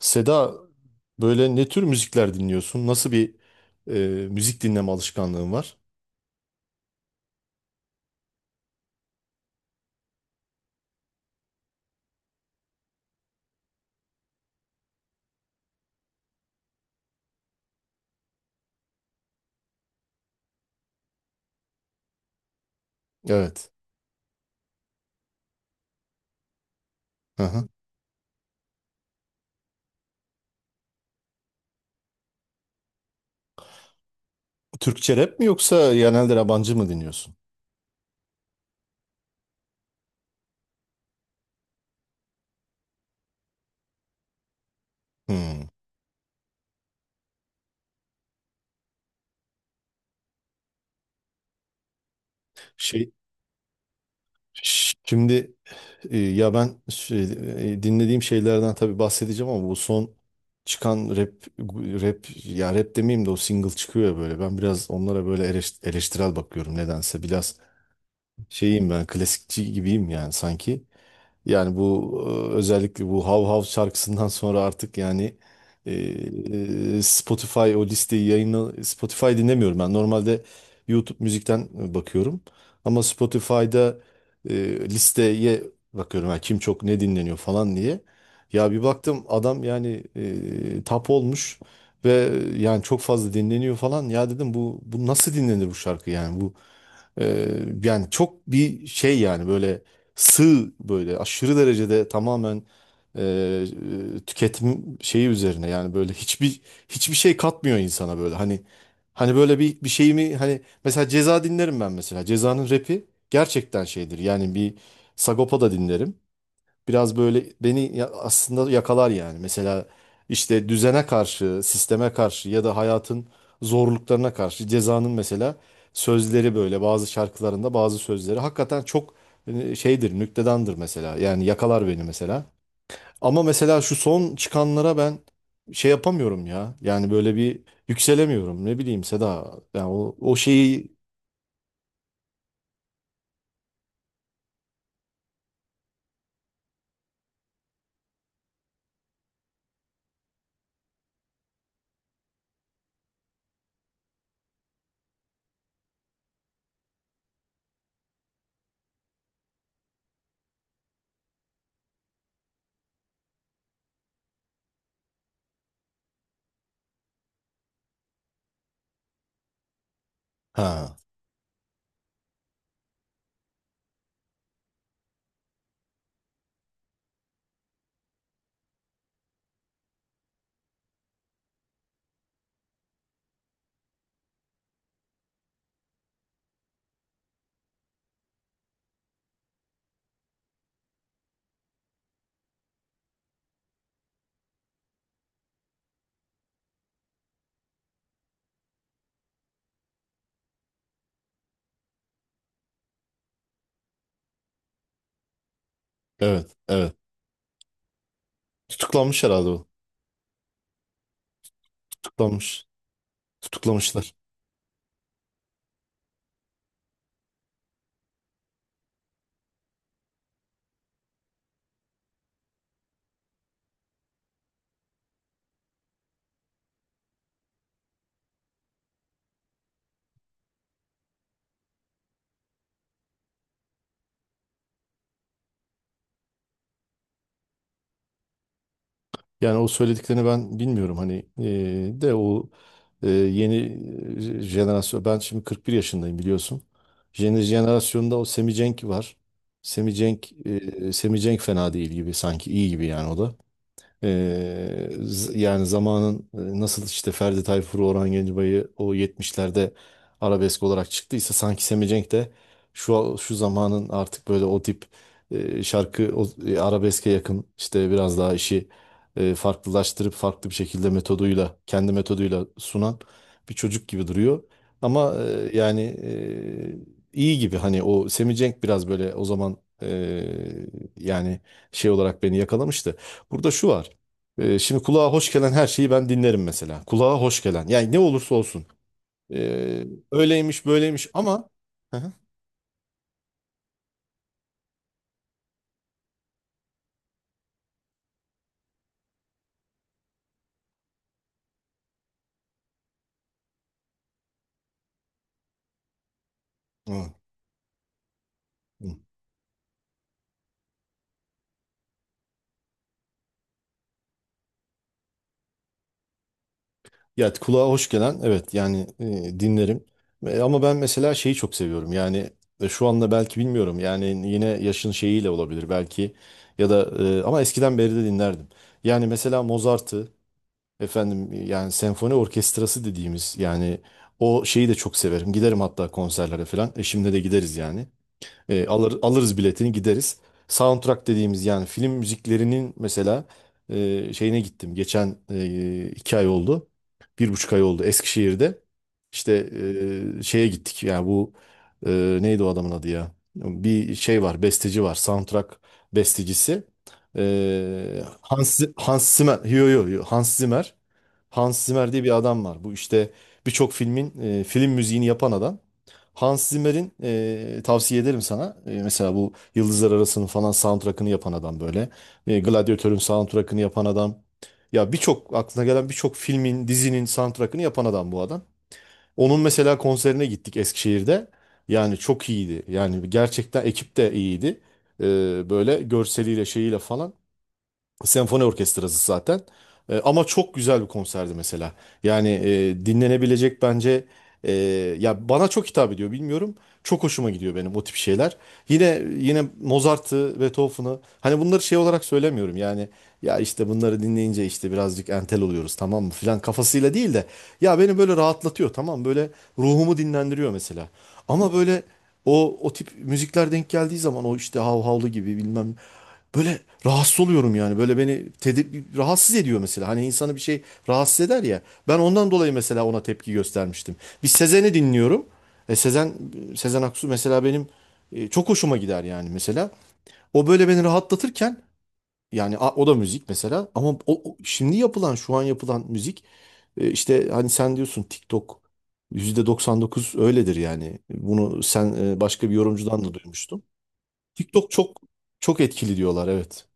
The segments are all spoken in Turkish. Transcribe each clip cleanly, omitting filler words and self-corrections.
Seda, böyle ne tür müzikler dinliyorsun? Nasıl bir müzik dinleme alışkanlığın var? Evet. Hı hı. Türkçe rap mi yoksa genelde yabancı mı dinliyorsun? Hmm. Şey Şimdi, ya ben dinlediğim şeylerden tabii bahsedeceğim ama bu son çıkan rap ya rap demeyeyim de, o single çıkıyor ya böyle. Ben biraz onlara böyle eleştirel bakıyorum nedense. Biraz şeyim, ben klasikçi gibiyim yani sanki. Yani bu, özellikle bu Hav Hav şarkısından sonra artık yani, e, Spotify o listeyi, yayını, Spotify dinlemiyorum ben. Normalde YouTube müzikten bakıyorum. Ama Spotify'da listeye bakıyorum. Yani kim, çok ne dinleniyor falan diye. Ya bir baktım adam yani tap olmuş ve yani çok fazla dinleniyor falan. Ya dedim bu nasıl dinlenir bu şarkı yani bu ee, yani çok bir şey yani böyle sığ, böyle aşırı derecede tamamen, e, tüketim şeyi üzerine yani böyle hiçbir şey katmıyor insana böyle, hani, hani böyle bir şey mi, hani mesela Ceza dinlerim ben, mesela Ceza'nın rapi gerçekten şeydir yani. Bir Sagopa da dinlerim, biraz böyle beni aslında yakalar yani. Mesela işte düzene karşı, sisteme karşı ya da hayatın zorluklarına karşı Ceza'nın mesela sözleri, böyle bazı şarkılarında bazı sözleri hakikaten çok şeydir, nüktedandır mesela. Yani yakalar beni mesela. Ama mesela şu son çıkanlara ben şey yapamıyorum ya. Yani böyle bir yükselemiyorum. Ne bileyim Seda. Yani o, o şeyi, ha, evet evet. Tutuklanmış herhalde o. Tutuklanmış. Tutuklamışlar. Yani o söylediklerini ben bilmiyorum hani, de o, yeni jenerasyon, ben şimdi 41 yaşındayım biliyorsun. Yeni jenerasyonda o Semi Cenk var. Semi Cenk fena değil gibi, sanki iyi gibi yani o da. Yani zamanın nasıl işte Ferdi Tayfur'u, Orhan Gencebay'ı o yetmişlerde arabesk olarak çıktıysa, sanki Semi de şu zamanın artık böyle o tip şarkı, arabeske yakın, işte biraz daha işi farklılaştırıp, farklı bir şekilde metoduyla, kendi metoduyla sunan bir çocuk gibi duruyor. Ama yani iyi gibi, hani o Semi biraz böyle o zaman yani şey olarak beni yakalamıştı. Burada şu var. Şimdi kulağa hoş gelen her şeyi ben dinlerim mesela. Kulağa hoş gelen. Yani ne olursa olsun. Ee, öyleymiş böyleymiş ama hı hı. Hı, hı, ya kulağa hoş gelen, evet yani dinlerim. E, ama ben mesela şeyi çok seviyorum. Yani şu anda belki bilmiyorum. Yani yine yaşın şeyiyle olabilir belki. Ya da ama eskiden beri de dinlerdim. Yani mesela Mozart'ı, efendim, yani senfoni orkestrası dediğimiz yani, o şeyi de çok severim. Giderim hatta konserlere falan. Eşimle de gideriz yani. Alırız biletini, gideriz. Soundtrack dediğimiz yani film müziklerinin mesela şeyine gittim. Geçen iki ay oldu. Bir buçuk ay oldu Eskişehir'de. İşte şeye gittik yani bu, neydi o adamın adı ya? Bir şey var, besteci var, soundtrack bestecisi. Hans Zimmer. Yo, yo, yo, Hans Zimmer. Hans Zimmer diye bir adam var. Bu işte birçok filmin film müziğini yapan adam. Hans Zimmer'in, tavsiye ederim sana. E, mesela bu Yıldızlar Arası'nın falan soundtrack'ını yapan adam böyle. E, Gladiatör'ün soundtrack'ını yapan adam. Ya birçok aklına gelen birçok filmin, dizinin soundtrack'ını yapan adam bu adam. Onun mesela konserine gittik Eskişehir'de. Yani çok iyiydi. Yani gerçekten ekip de iyiydi. E, Böyle görseliyle, şeyiyle falan. Senfoni orkestrası zaten. E, ama çok güzel bir konserdi mesela. Yani dinlenebilecek bence, e, ya bana çok hitap ediyor bilmiyorum. Çok hoşuma gidiyor benim o tip şeyler. Yine Mozart'ı, Beethoven'ı, hani bunları şey olarak söylemiyorum. Yani ya işte bunları dinleyince işte birazcık entel oluyoruz tamam mı filan kafasıyla değil de, ya beni böyle rahatlatıyor tamam, böyle ruhumu dinlendiriyor mesela. Ama böyle o tip müzikler denk geldiği zaman, o işte hav havlu gibi bilmem, böyle rahatsız oluyorum yani. Böyle beni rahatsız ediyor mesela. Hani insanı bir şey rahatsız eder ya. Ben ondan dolayı mesela ona tepki göstermiştim. Bir Sezen'i dinliyorum. E Sezen Sezen Aksu mesela benim çok hoşuma gider yani mesela. O böyle beni rahatlatırken, yani o da müzik mesela, ama o, o şimdi yapılan, şu an yapılan müzik işte hani sen diyorsun TikTok %99 öyledir yani. Bunu sen, başka bir yorumcudan da duymuştum. TikTok çok etkili diyorlar, evet.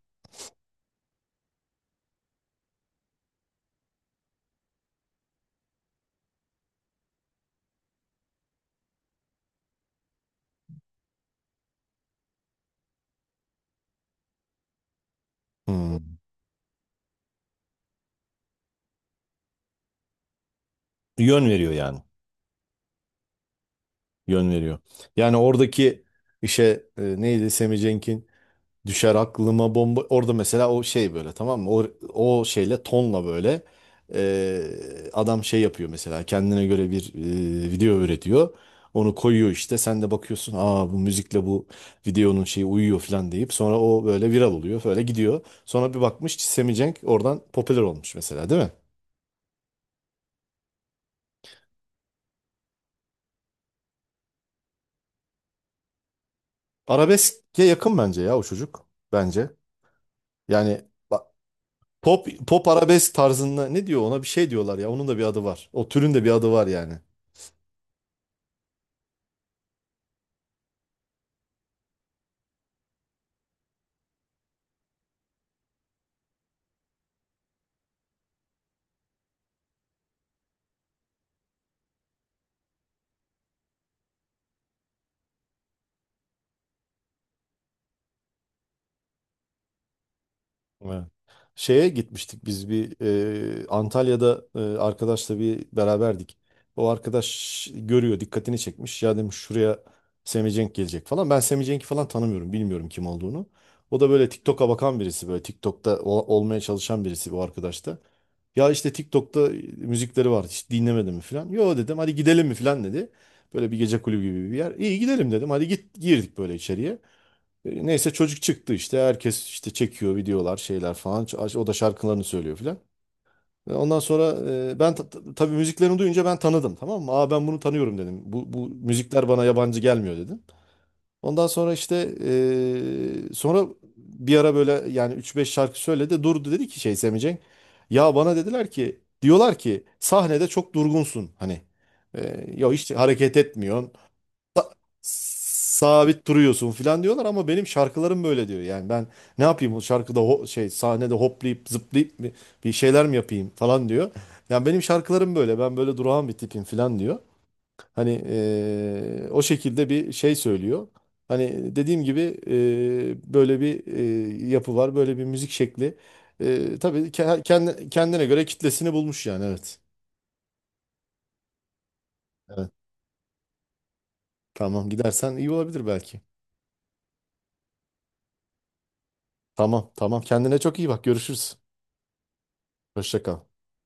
Hmm. Yön veriyor yani. Yön veriyor. Yani oradaki işe, neydi Sammy Cenk'in, düşer aklıma, bomba. Orada mesela o şey, böyle tamam mı? O, o şeyle tonla böyle, adam şey yapıyor mesela kendine göre bir video üretiyor. Onu koyuyor, işte sen de bakıyorsun, aa bu müzikle bu videonun şeyi uyuyor falan deyip, sonra o böyle viral oluyor, böyle gidiyor. Sonra bir bakmış ki Sammy Cenk oradan popüler olmuş mesela, değil mi? Arabeske yakın bence ya o çocuk, bence. Yani pop arabesk tarzında, ne diyor ona, bir şey diyorlar ya. Onun da bir adı var. O türün de bir adı var yani. Evet. Şeye gitmiştik biz bir Antalya'da arkadaşla bir beraberdik. O arkadaş görüyor, dikkatini çekmiş. Ya demiş, şuraya Semih Cenk gelecek falan. Ben Semih Cenk'i falan tanımıyorum, bilmiyorum kim olduğunu. O da böyle TikTok'a bakan birisi, böyle TikTok'ta olmaya çalışan birisi bu arkadaş da. Ya işte TikTok'ta müzikleri var, hiç dinlemedin mi falan. Yo dedim, hadi gidelim mi falan dedi. Böyle bir gece kulübü gibi bir yer. İyi, gidelim dedim, hadi git, girdik böyle içeriye. Neyse, çocuk çıktı işte, herkes işte çekiyor videolar, şeyler falan, o da şarkılarını söylüyor filan. E, ondan sonra, ben tabii müziklerini duyunca ben tanıdım tamam mı? Aa ben bunu tanıyorum dedim. Bu müzikler bana yabancı gelmiyor dedim. Ondan sonra işte sonra, bir ara böyle yani üç beş şarkı söyledi, durdu, dedi ki şey, Semicek. Ya bana dediler ki, diyorlar ki, sahnede çok durgunsun hani. E, ya işte hareket etmiyorsun, sabit duruyorsun falan diyorlar, ama benim şarkılarım böyle diyor. Yani ben ne yapayım o şarkıda, şey, sahnede hoplayıp zıplayıp mi bir şeyler mi yapayım falan diyor. Yani benim şarkılarım böyle, ben böyle durağan bir tipim falan diyor. Hani, o şekilde bir şey söylüyor. Hani dediğim gibi, böyle bir, yapı var, böyle bir müzik şekli. Tabii kendine göre kitlesini bulmuş yani, evet. Evet, tamam, gidersen iyi olabilir belki. Tamam, tamam, kendine çok iyi bak, görüşürüz. Hoşça kal.